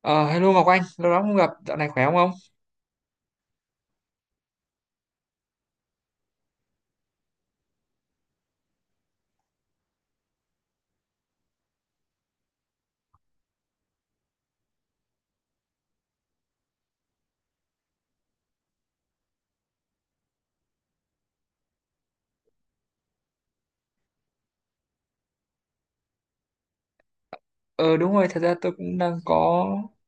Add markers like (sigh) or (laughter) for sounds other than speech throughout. Ờ, Hello Ngọc Anh, lâu lắm không gặp, dạo này khỏe không ông? Ờ, đúng rồi, thật ra tôi cũng đang có,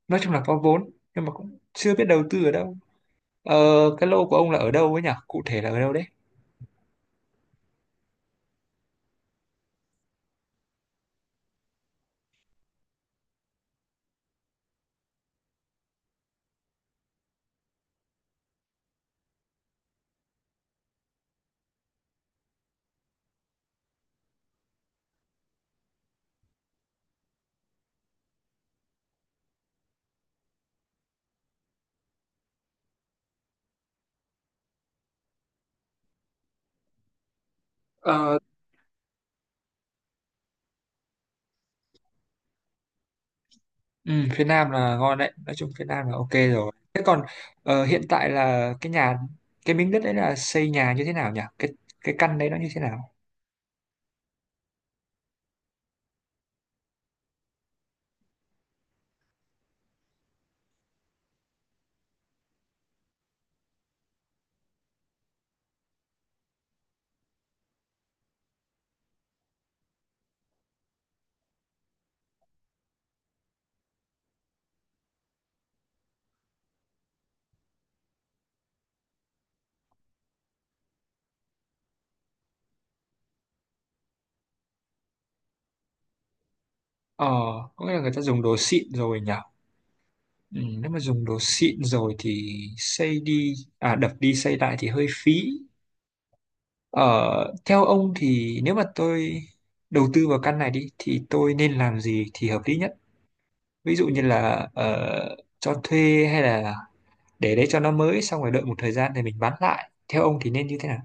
nói chung là có vốn, nhưng mà cũng chưa biết đầu tư ở đâu. Ờ, cái lô của ông là ở đâu ấy nhỉ? Cụ thể là ở đâu đấy? Ờ. Ừ, phía Nam là ngon đấy, nói chung phía Nam là ok rồi. Thế còn hiện tại là cái nhà, cái miếng đất đấy là xây nhà như thế nào nhỉ? Cái căn đấy nó như thế nào? Ờ, có nghĩa là người ta dùng đồ xịn rồi nhỉ? Ừ, nếu mà dùng đồ xịn rồi thì xây đi, à đập đi xây lại thì hơi phí. Ờ, Theo ông thì nếu mà tôi đầu tư vào căn này đi thì tôi nên làm gì thì hợp lý nhất? Ví dụ như là cho thuê hay là để đấy cho nó mới xong rồi đợi một thời gian thì mình bán lại. Theo ông thì nên như thế nào?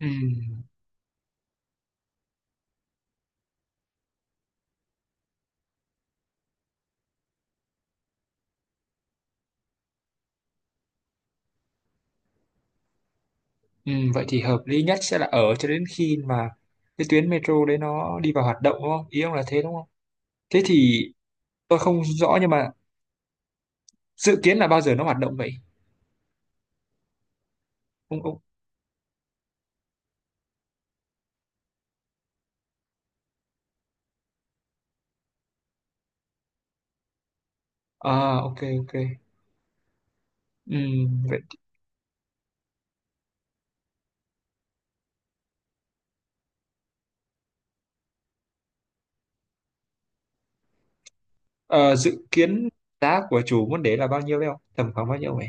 Ừm, vậy thì hợp lý nhất sẽ là ở cho đến khi mà cái tuyến metro đấy nó đi vào hoạt động đúng không? Ý ông là thế đúng không? Thế thì tôi không rõ nhưng mà dự kiến là bao giờ nó hoạt động vậy? Ông, ông. À, ok, ok. Vậy. Ờ, dự kiến giá của chủ môn đế là bao nhiêu đấy không? Tầm khoảng bao nhiêu vậy?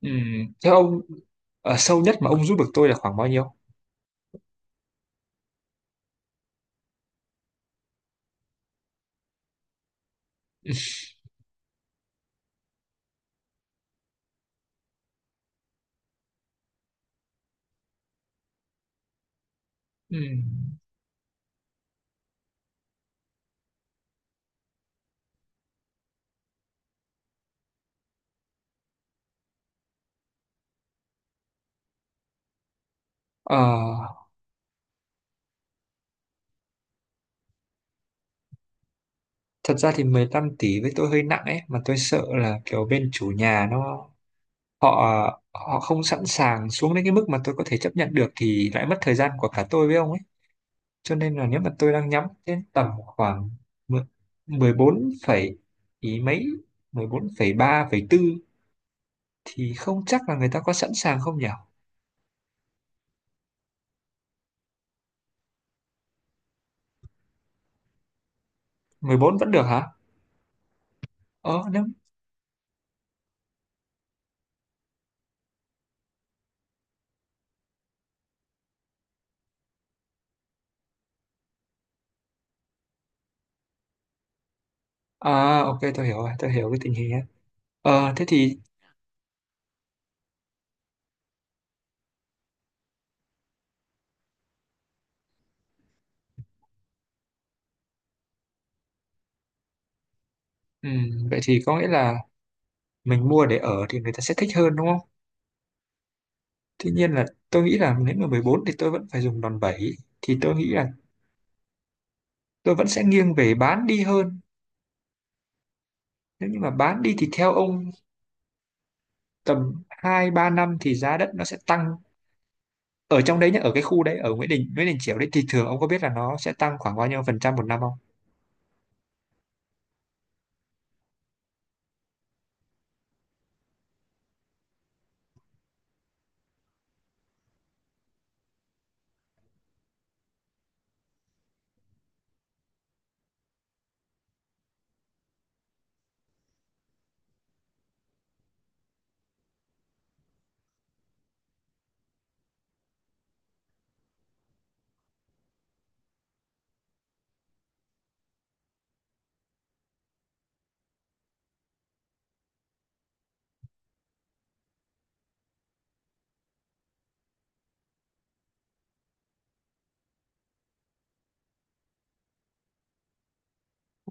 Theo ông, sâu nhất mà ông giúp được tôi là khoảng bao nhiêu? (laughs) Ừm, ờ, Thật ra thì 15 tỷ với tôi hơi nặng ấy, mà tôi sợ là kiểu bên chủ nhà nó họ họ không sẵn sàng xuống đến cái mức mà tôi có thể chấp nhận được thì lại mất thời gian của cả tôi với ông ấy. Cho nên là nếu mà tôi đang nhắm đến tầm khoảng mười- 14 phẩy ý mấy, mười bốn phẩy phẩy ba phẩy tư. Thì không chắc là người ta có sẵn sàng không nhỉ? Mười bốn vẫn được hả? Ờ, nếu... À, ok, tôi hiểu rồi, tôi hiểu cái tình hình ấy. Ờ, thế thì, vậy thì có nghĩa là mình mua để ở thì người ta sẽ thích hơn đúng không? Tuy nhiên là tôi nghĩ là nếu mà 14 thì tôi vẫn phải dùng đòn bẩy. Thì tôi nghĩ là tôi vẫn sẽ nghiêng về bán đi hơn. Nếu như mà bán đi thì theo ông tầm hai ba năm thì giá đất nó sẽ tăng. Ở trong đấy nhá, ở cái khu đấy, ở Nguyễn Đình, Nguyễn Đình Chiểu đấy thì thường ông có biết là nó sẽ tăng khoảng bao nhiêu phần trăm một năm không?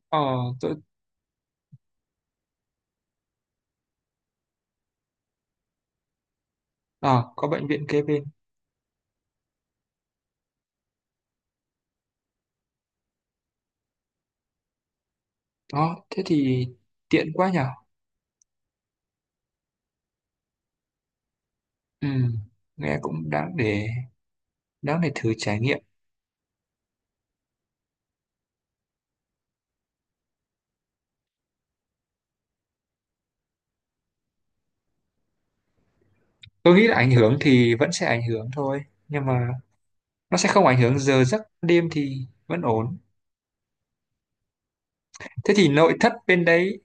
Ờ, tôi, ờ, có bệnh viện kế bên. Đó, thế thì tiện quá nhở. Ừ, nghe cũng đáng để thử trải nghiệm. Tôi nghĩ là ảnh hưởng thì vẫn sẽ ảnh hưởng thôi, nhưng mà nó sẽ không ảnh hưởng giờ giấc đêm thì vẫn ổn. Thế thì nội thất bên đấy,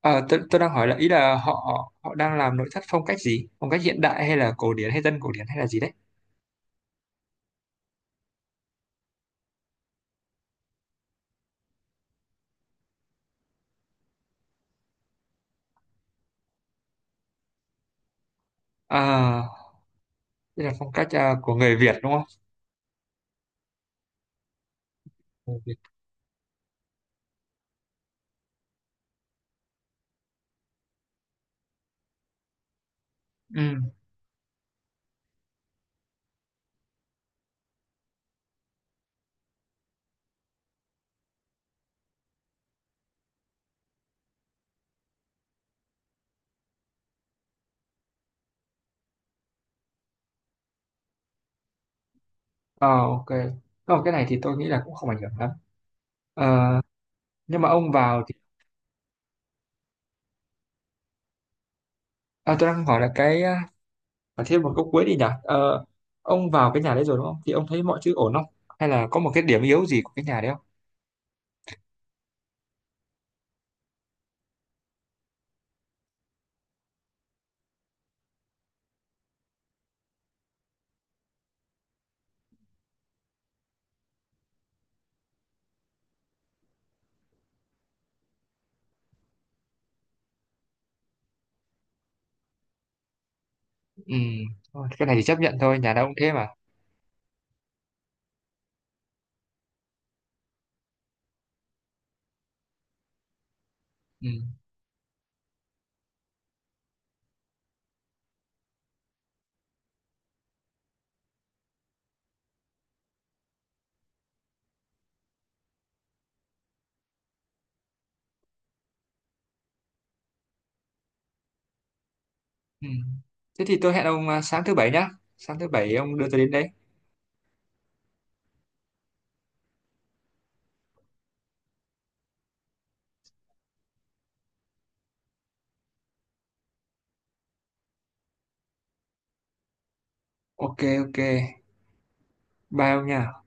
tôi đang hỏi là ý là họ họ đang làm nội thất phong cách gì? Phong cách hiện đại hay là cổ điển hay dân cổ điển hay là gì đấy? À, đây là phong cách à, của người Việt đúng không? Người Việt. Ừ, ờ, ok. Còn cái này thì tôi nghĩ là cũng không ảnh hưởng lắm. Ờ, nhưng mà ông vào thì à, tôi đang hỏi là cái và thêm một câu cuối đi nhỉ. Ờ, ông vào cái nhà đấy rồi đúng không thì ông thấy mọi thứ ổn không hay là có một cái điểm yếu gì của cái nhà đấy không? Ừ, thôi, cái này thì chấp nhận thôi nhà đó ông thế mà. Ừ. Ừ. Thế thì tôi hẹn ông à, sáng thứ Bảy nhá, sáng thứ Bảy ông đưa tôi đến đấy. Ok, ok, bye ông nha.